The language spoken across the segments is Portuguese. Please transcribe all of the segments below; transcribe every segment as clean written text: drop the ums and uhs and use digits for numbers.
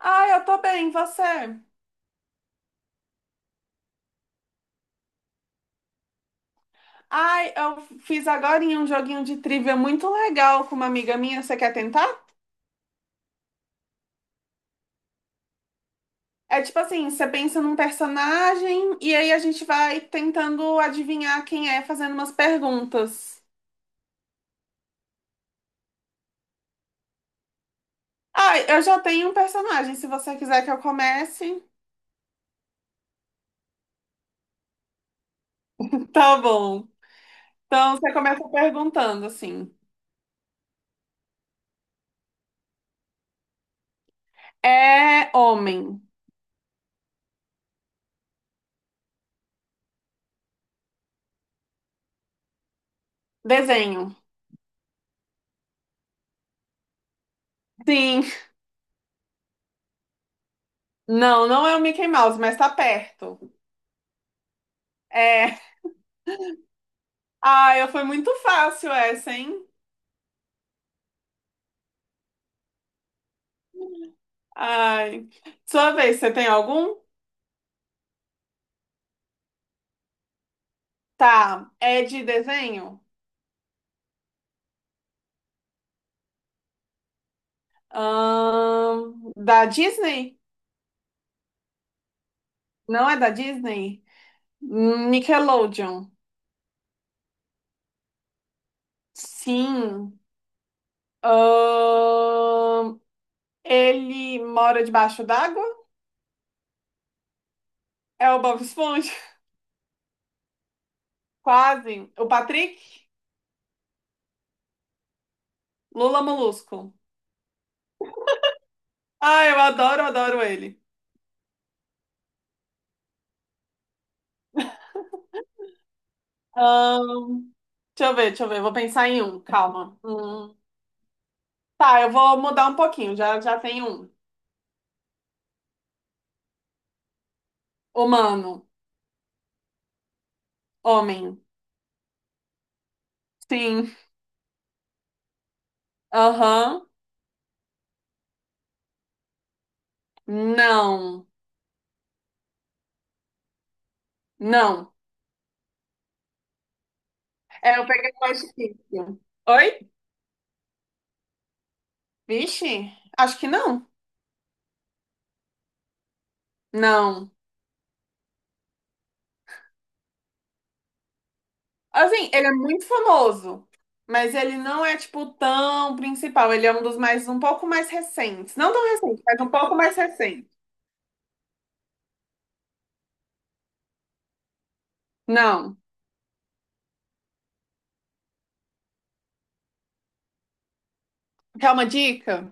Ai, eu tô bem, e você? Ai, eu fiz agora um joguinho de trivia muito legal com uma amiga minha. Você quer tentar? É tipo assim, você pensa num personagem e aí a gente vai tentando adivinhar quem é, fazendo umas perguntas. Ai, eu já tenho um personagem, se você quiser que eu comece. Tá bom. Então você começa perguntando assim. É homem. Desenho. Sim. Não, não é o Mickey Mouse, mas tá perto. É. Ai, foi muito fácil essa, hein? Ai. Sua vez, você tem algum? Tá. É de desenho? Da Disney? Não é da Disney? Nickelodeon. Sim. Ahn, ele mora debaixo d'água? É o Bob Esponja? Quase. O Patrick? Lula Molusco. Ah, eu adoro ele. Ahn, deixa eu ver. Vou pensar em um, calma. Hum. Tá, eu vou mudar um pouquinho. Já tem um. Humano. Homem. Sim. Aham. Não. Não. É, eu peguei mais difícil. Oi? Vixe, acho que não. Não. Assim, ele é muito famoso, mas ele não é, tipo, tão principal. Ele é um dos mais, um pouco mais recentes. Não tão recente, mas um pouco mais recente. Não. Quer uma dica?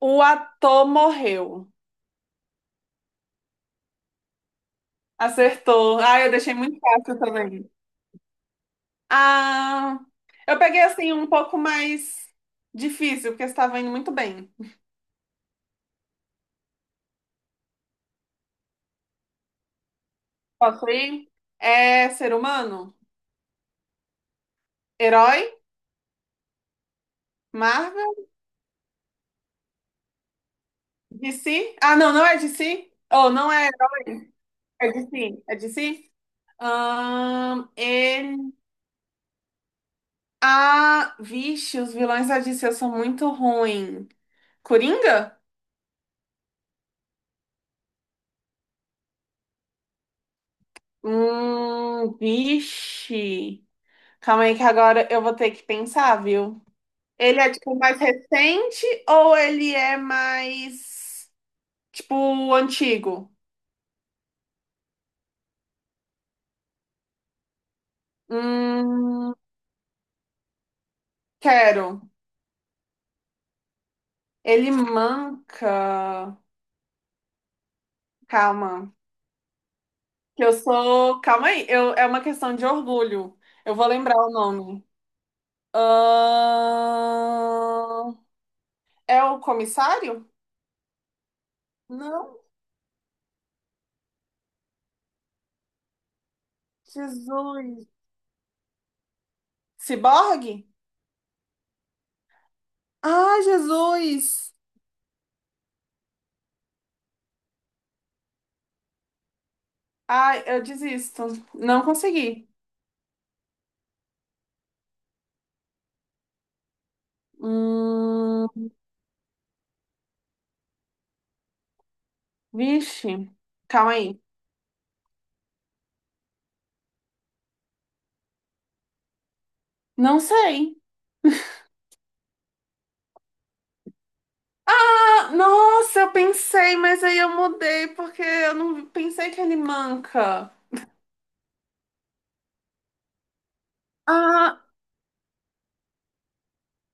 O ator morreu. Acertou. Ah, eu deixei muito fácil também. Ah, eu peguei assim um pouco mais difícil, porque estava indo muito bem. Posso ir? É ser humano? Herói? Marvel? DC? Ah, não, não é DC? Ou não é, é DC? É DC? Ele... Ah, vixe, os vilões da DC são muito ruins. Coringa? Vixe. Calma aí que agora eu vou ter que pensar, viu? Ele é tipo mais recente ou ele é mais tipo antigo? Hum, quero. Ele manca. Calma. Que eu sou. Calma aí. Eu... É uma questão de orgulho. Eu vou lembrar o nome. Ahn, É o comissário? Não. Jesus. Ciborgue? Ah, Jesus! Ai, eu desisto. Não consegui. Hum, Vixe, calma aí. Não sei. Ah, nossa, eu pensei, mas aí eu mudei porque eu não pensei que ele manca. Ah,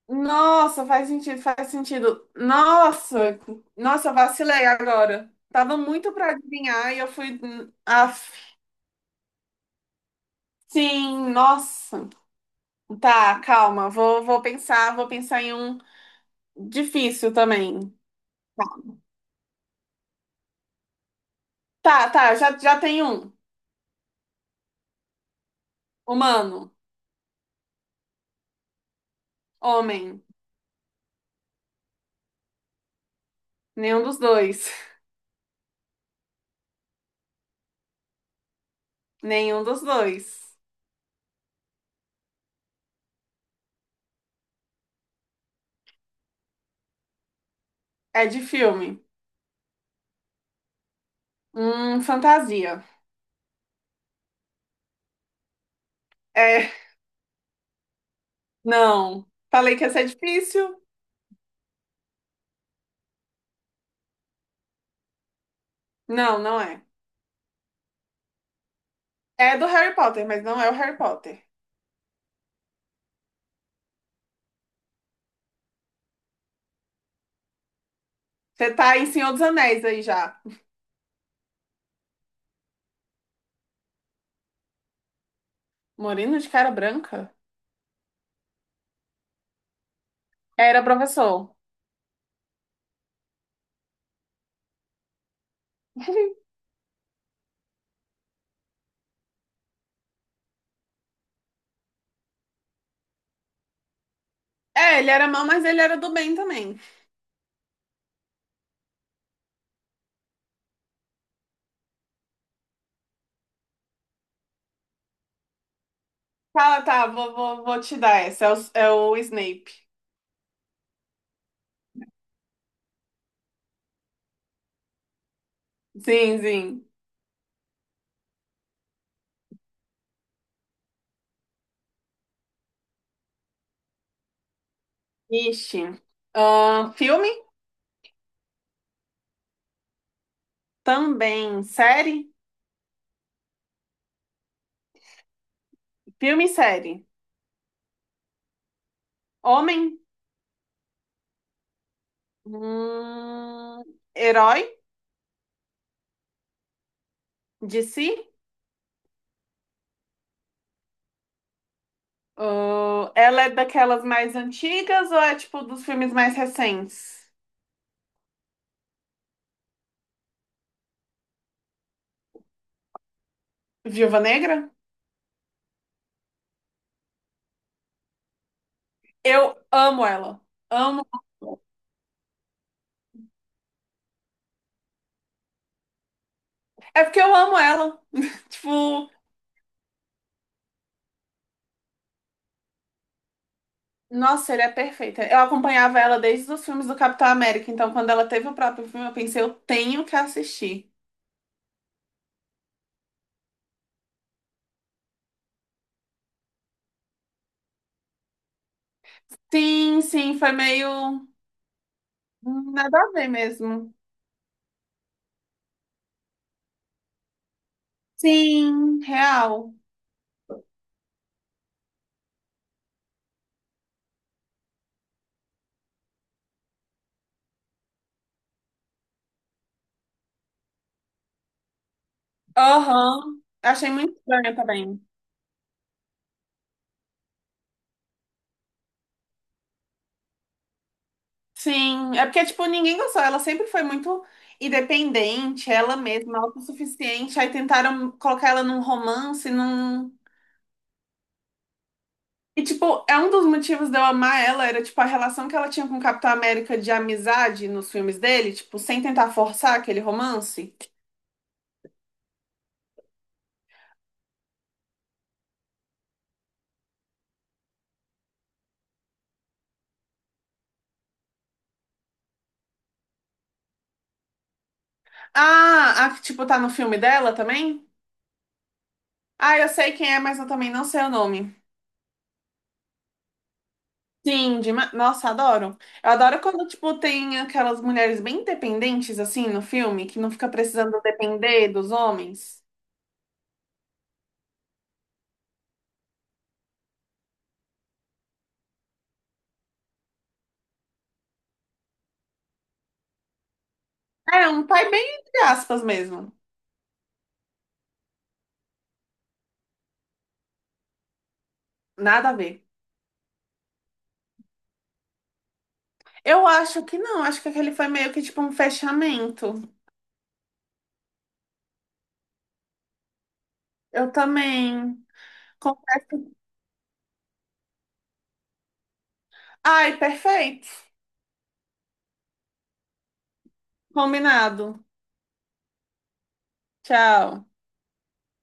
nossa, faz sentido. Nossa, eu vacilei agora. Tava muito pra adivinhar e eu fui. Ah, sim, nossa. Tá, calma, vou pensar em um difícil também. Tá, já tem um. Humano, homem, nenhum dos dois. Nenhum dos dois. É de filme. Fantasia. É, não. Falei que ia ser difícil? Não, não é. É do Harry Potter, mas não é o Harry Potter. Você tá em Senhor dos Anéis aí já. Moreno de cara branca? Era professor. É, ele era mau, mas ele era do bem também. Fala, tá, vou te dar essa. É o Snape. Sim, sim. Ixi. Filme? Também. Série? Filme e série. Homem? Hum, herói de si? Ah, ela é daquelas mais antigas ou é tipo dos filmes mais recentes? Viúva Negra? Eu amo ela. Amo. É porque eu amo ela. Tipo, nossa, ele é perfeita. Eu acompanhava ela desde os filmes do Capitão América, então quando ela teve o próprio filme, eu pensei, eu tenho que assistir. Sim, sim, foi meio nada a ver mesmo. Sim, real. Aham. Achei muito estranha também. Sim, é porque, tipo, ninguém gostou. Ela sempre foi muito independente, ela mesma, autossuficiente. Aí tentaram colocar ela num romance, num. E, tipo, é um dos motivos de eu amar ela, era, tipo, a relação que ela tinha com o Capitão América de amizade nos filmes dele, tipo, sem tentar forçar aquele romance. Ah, a que, tipo, tá no filme dela também? Ah, eu sei quem é, mas eu também não sei o nome. Sim, dema- nossa, adoro. Eu adoro quando, tipo, tem aquelas mulheres bem independentes, assim, no filme, que não fica precisando depender dos homens. É, um pai bem entre aspas mesmo. Nada a ver. Eu acho que não, acho que aquele foi meio que, tipo, um fechamento. Eu também. Confesso. Ai, perfeito. Combinado. Tchau.